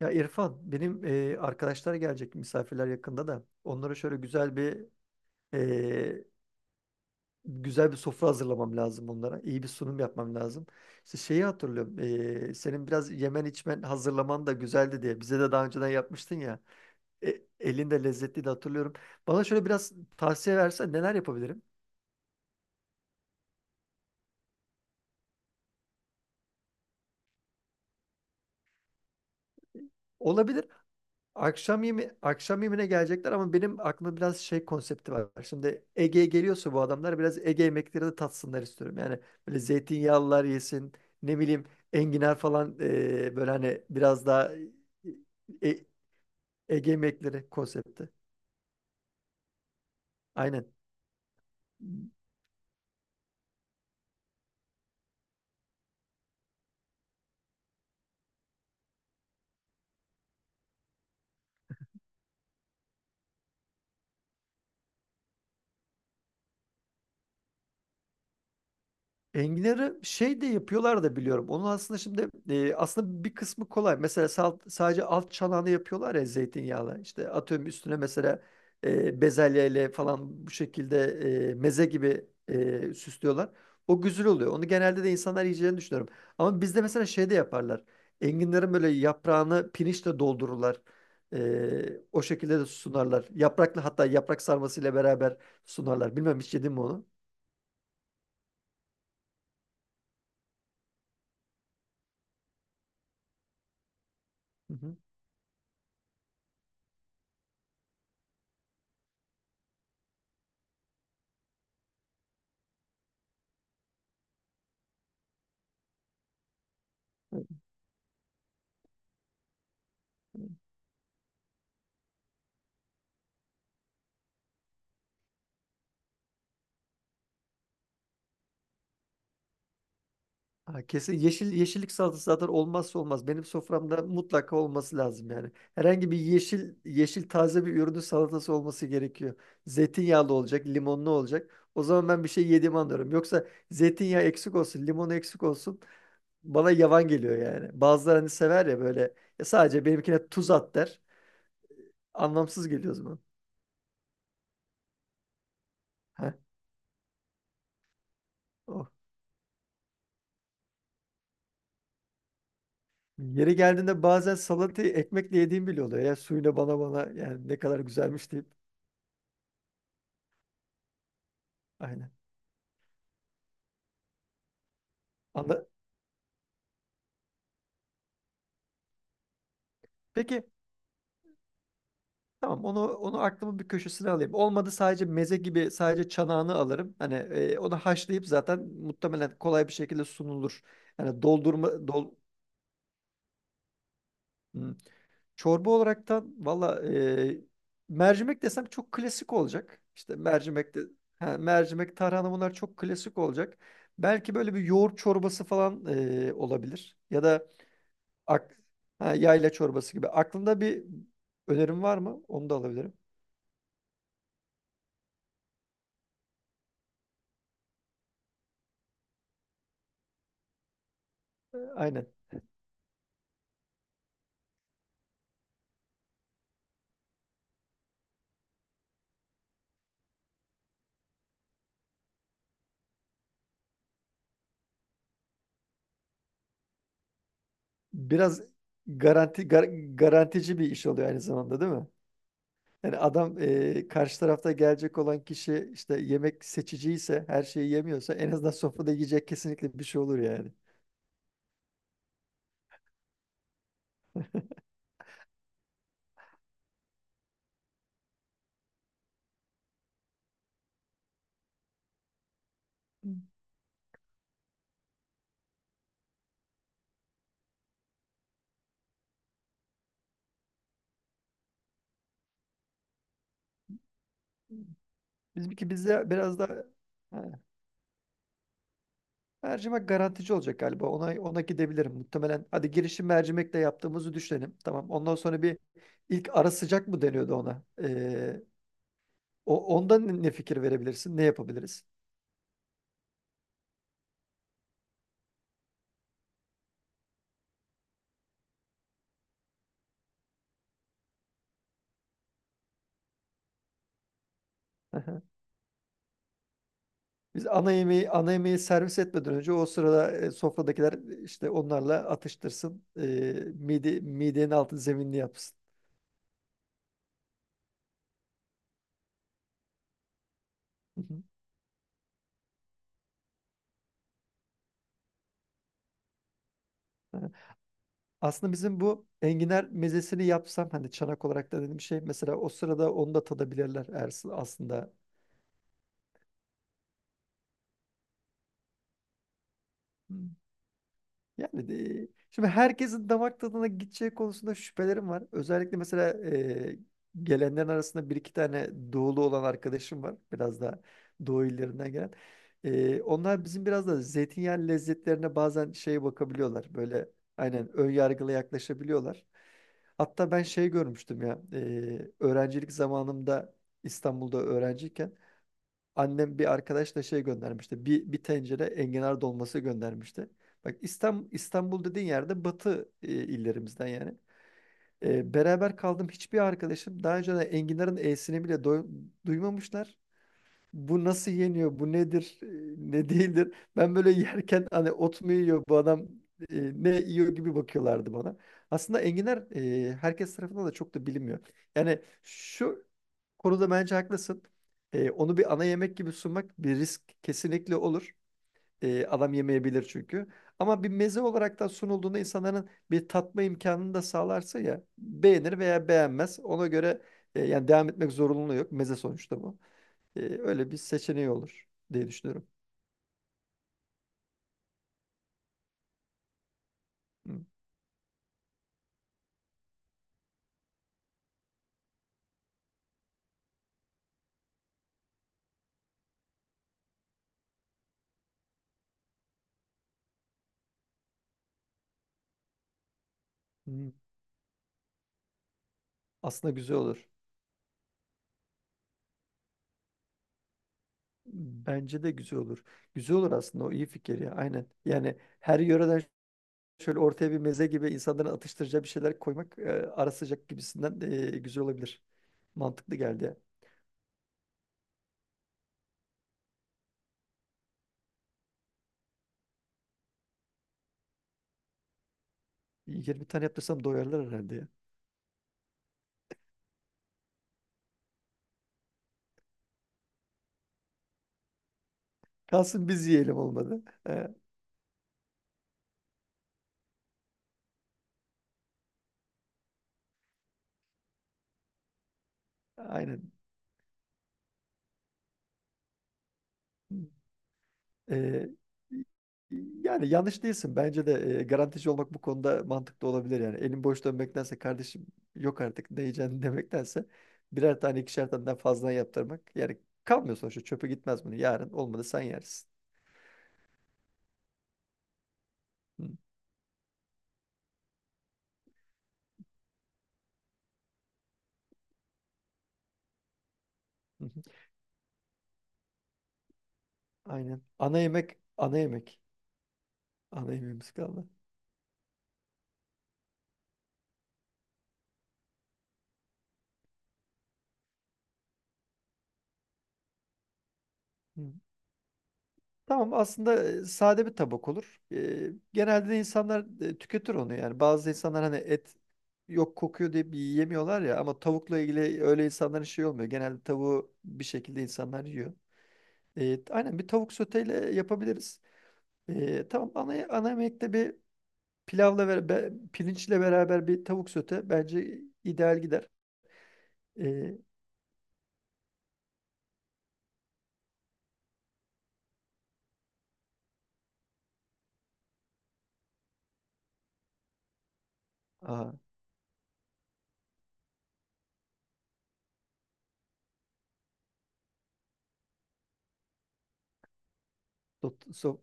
Ya İrfan, benim arkadaşlar gelecek misafirler yakında da onlara şöyle güzel bir e, güzel bir sofra hazırlamam lazım onlara. İyi bir sunum yapmam lazım. İşte şeyi hatırlıyorum. Senin biraz yemen içmen hazırlaman da güzeldi diye. Bize de daha önceden yapmıştın ya. Elin de lezzetliydi hatırlıyorum. Bana şöyle biraz tavsiye versen neler yapabilirim? Olabilir. Akşam yemeğine gelecekler ama benim aklımda biraz şey konsepti var. Şimdi Ege'ye geliyorsa bu adamlar biraz Ege yemekleri de tatsınlar istiyorum. Yani böyle zeytinyağlılar yesin, ne bileyim enginar falan böyle hani biraz daha e- Ege yemekleri konsepti. Aynen. Enginarı şey de yapıyorlar da biliyorum. Onun aslında şimdi aslında bir kısmı kolay. Mesela sadece alt çanağını yapıyorlar ya zeytinyağla. İşte atıyorum üstüne mesela bezelyeyle falan bu şekilde meze gibi süslüyorlar. O güzel oluyor. Onu genelde de insanlar yiyeceğini düşünüyorum. Ama bizde mesela şey de yaparlar. Enginlerin böyle yaprağını pirinçle doldururlar. O şekilde de sunarlar. Yapraklı hatta yaprak sarmasıyla beraber sunarlar. Bilmem hiç yedin mi onu? Hı hı. Ha, kesin yeşil yeşillik salatası zaten olmazsa olmaz. Benim soframda mutlaka olması lazım yani. Herhangi bir yeşil yeşil taze bir ürünün salatası olması gerekiyor. Zeytinyağlı olacak, limonlu olacak. O zaman ben bir şey yediğimi anlıyorum. Yoksa zeytinyağı eksik olsun, limonu eksik olsun yavan geliyor yani. Bazıları hani sever ya böyle, "Ya sadece benimkine tuz at," der. Anlamsız geliyor o zaman. Heh, oh. Yeri geldiğinde bazen salatayı ekmekle yediğim bile oluyor. Ya suyla bana yani ne kadar güzelmiş deyip. Aynen. Anla- Peki tamam onu aklımın bir köşesine alayım. Olmadı sadece meze gibi sadece çanağını alırım. Hani onu haşlayıp zaten muhtemelen kolay bir şekilde sunulur. Yani doldurma dol Hmm. Çorba olaraktan valla mercimek desem çok klasik olacak. İşte mercimek de ha, mercimek tarhana bunlar çok klasik olacak. Belki böyle bir yoğurt çorbası falan olabilir. Ya da ak, ha, yayla çorbası gibi. Aklında bir önerim var mı? Onu da alabilirim. Aynen. Biraz garantici bir iş oluyor aynı zamanda değil mi? Yani adam karşı tarafta gelecek olan kişi işte yemek seçici ise her şeyi yemiyorsa en azından sofrada yiyecek kesinlikle bir şey olur yani. Bizimki bizde biraz daha ha, mercimek garantici olacak galiba. Ona gidebilirim muhtemelen. Hadi girişim mercimekle yaptığımızı düşünelim. Tamam. Ondan sonra bir ilk ara sıcak mı deniyordu ona? O ondan ne fikir verebilirsin? Ne yapabiliriz? Biz ana yemeği servis etmeden önce o sırada sofradakiler işte onlarla atıştırsın. E, midenin altı zeminli yapsın. Hı hı. Ha. Aslında bizim bu enginar mezesini yapsam hani çanak olarak da dediğim şey mesela o sırada onu da tadabilirler Ersin aslında. Şimdi herkesin damak tadına gideceği konusunda şüphelerim var. Özellikle mesela gelenlerin arasında bir iki tane doğulu olan arkadaşım var. Biraz daha doğu illerinden gelen. E, onlar bizim biraz da zeytinyağı lezzetlerine bazen şey bakabiliyorlar. Böyle aynen ön yargılı yaklaşabiliyorlar. Hatta ben şey görmüştüm ya. Öğrencilik zamanımda İstanbul'da öğrenciyken annem bir arkadaşla şey göndermişti. Bir tencere enginar dolması göndermişti. Bak İstanbul dediğin yerde batı illerimizden yani. E, beraber kaldım hiçbir arkadaşım daha önce de enginarın e'sini bile duymamışlar, bu nasıl yeniyor, bu nedir, ne değildir. Ben böyle yerken hani ot mu yiyor bu adam, ne yiyor gibi bakıyorlardı bana. Aslında enginar herkes tarafından da çok da bilinmiyor. Yani şu konuda bence haklısın. E, onu bir ana yemek gibi sunmak bir risk kesinlikle olur. E, adam yemeyebilir çünkü. Ama bir meze olarak da sunulduğunda insanların bir tatma imkanını da sağlarsa ya beğenir veya beğenmez. Ona göre yani devam etmek zorunluluğu yok. Meze sonuçta bu. E, öyle bir seçeneği olur diye düşünüyorum. Hı. Hı. Aslında güzel olur. Bence de güzel olur. Güzel olur aslında o iyi fikir ya aynen. Yani her yöreden şöyle ortaya bir meze gibi insanların atıştıracağı bir şeyler koymak ara sıcak gibisinden güzel olabilir. Mantıklı geldi ya. 20 tane yaptırsam doyarlar herhalde ya. Kalsın biz yiyelim olmadı. E, aynen. Ee, Yani yanlış değilsin. Bence de garantici olmak bu konuda mantıklı olabilir yani. Elin boş dönmektense kardeşim, yok artık ne yiyeceğini demektense birer tane ikişer tane daha fazla yaptırmak. Yani kalmıyor sonuçta çöpe gitmez bunu. Yarın olmadı sen yersin. Hı, hı, hı. Aynen. Ana yemek. Ana yemeğimiz kaldı. Hı. Tamam aslında sade bir tabak olur. E, genelde de insanlar tüketir onu yani. Bazı insanlar hani et yok kokuyor diye bir yiyemiyorlar ya ama tavukla ilgili öyle insanların şey olmuyor. Genelde tavuğu bir şekilde insanlar yiyor. E, aynen bir tavuk soteyle yapabiliriz. E, tamam ana yemekte bir pilavla ve pirinçle beraber bir tavuk sote bence ideal gider. E, aa,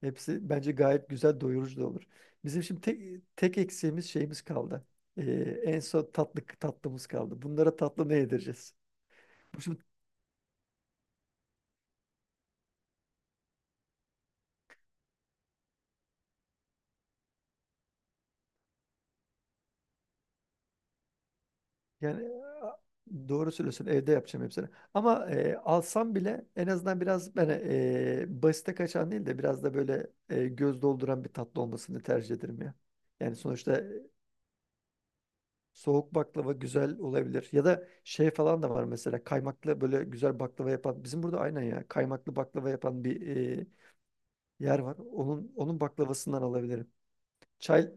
hepsi bence gayet güzel doyurucu da olur. Bizim şimdi tek eksiğimiz şeyimiz kaldı. Ee, en son tatlımız kaldı. Bunlara tatlı ne yedireceğiz? Şimdi yani doğru söylüyorsun evde yapacağım hepsini. Ama alsam bile en azından biraz ben basite kaçan değil de biraz da böyle göz dolduran bir tatlı olmasını tercih ederim ya. Yani sonuçta soğuk baklava güzel olabilir. Ya da şey falan da var mesela kaymaklı böyle güzel baklava yapan. Bizim burada aynen ya kaymaklı baklava yapan bir e, yer var. Onun baklavasından alabilirim. Çay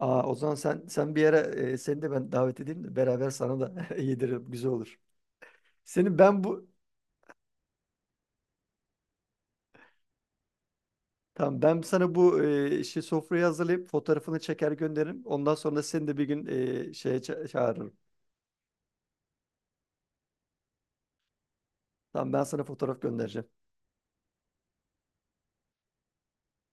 Aa, o zaman sen bir yere seni de ben davet edeyim de beraber sana da yediririm. Güzel olur. Senin ben bu Tamam ben sana bu şey sofrayı hazırlayıp fotoğrafını çeker gönderirim. Ondan sonra seni de bir gün şeye çağırırım. Tamam ben sana fotoğraf göndereceğim.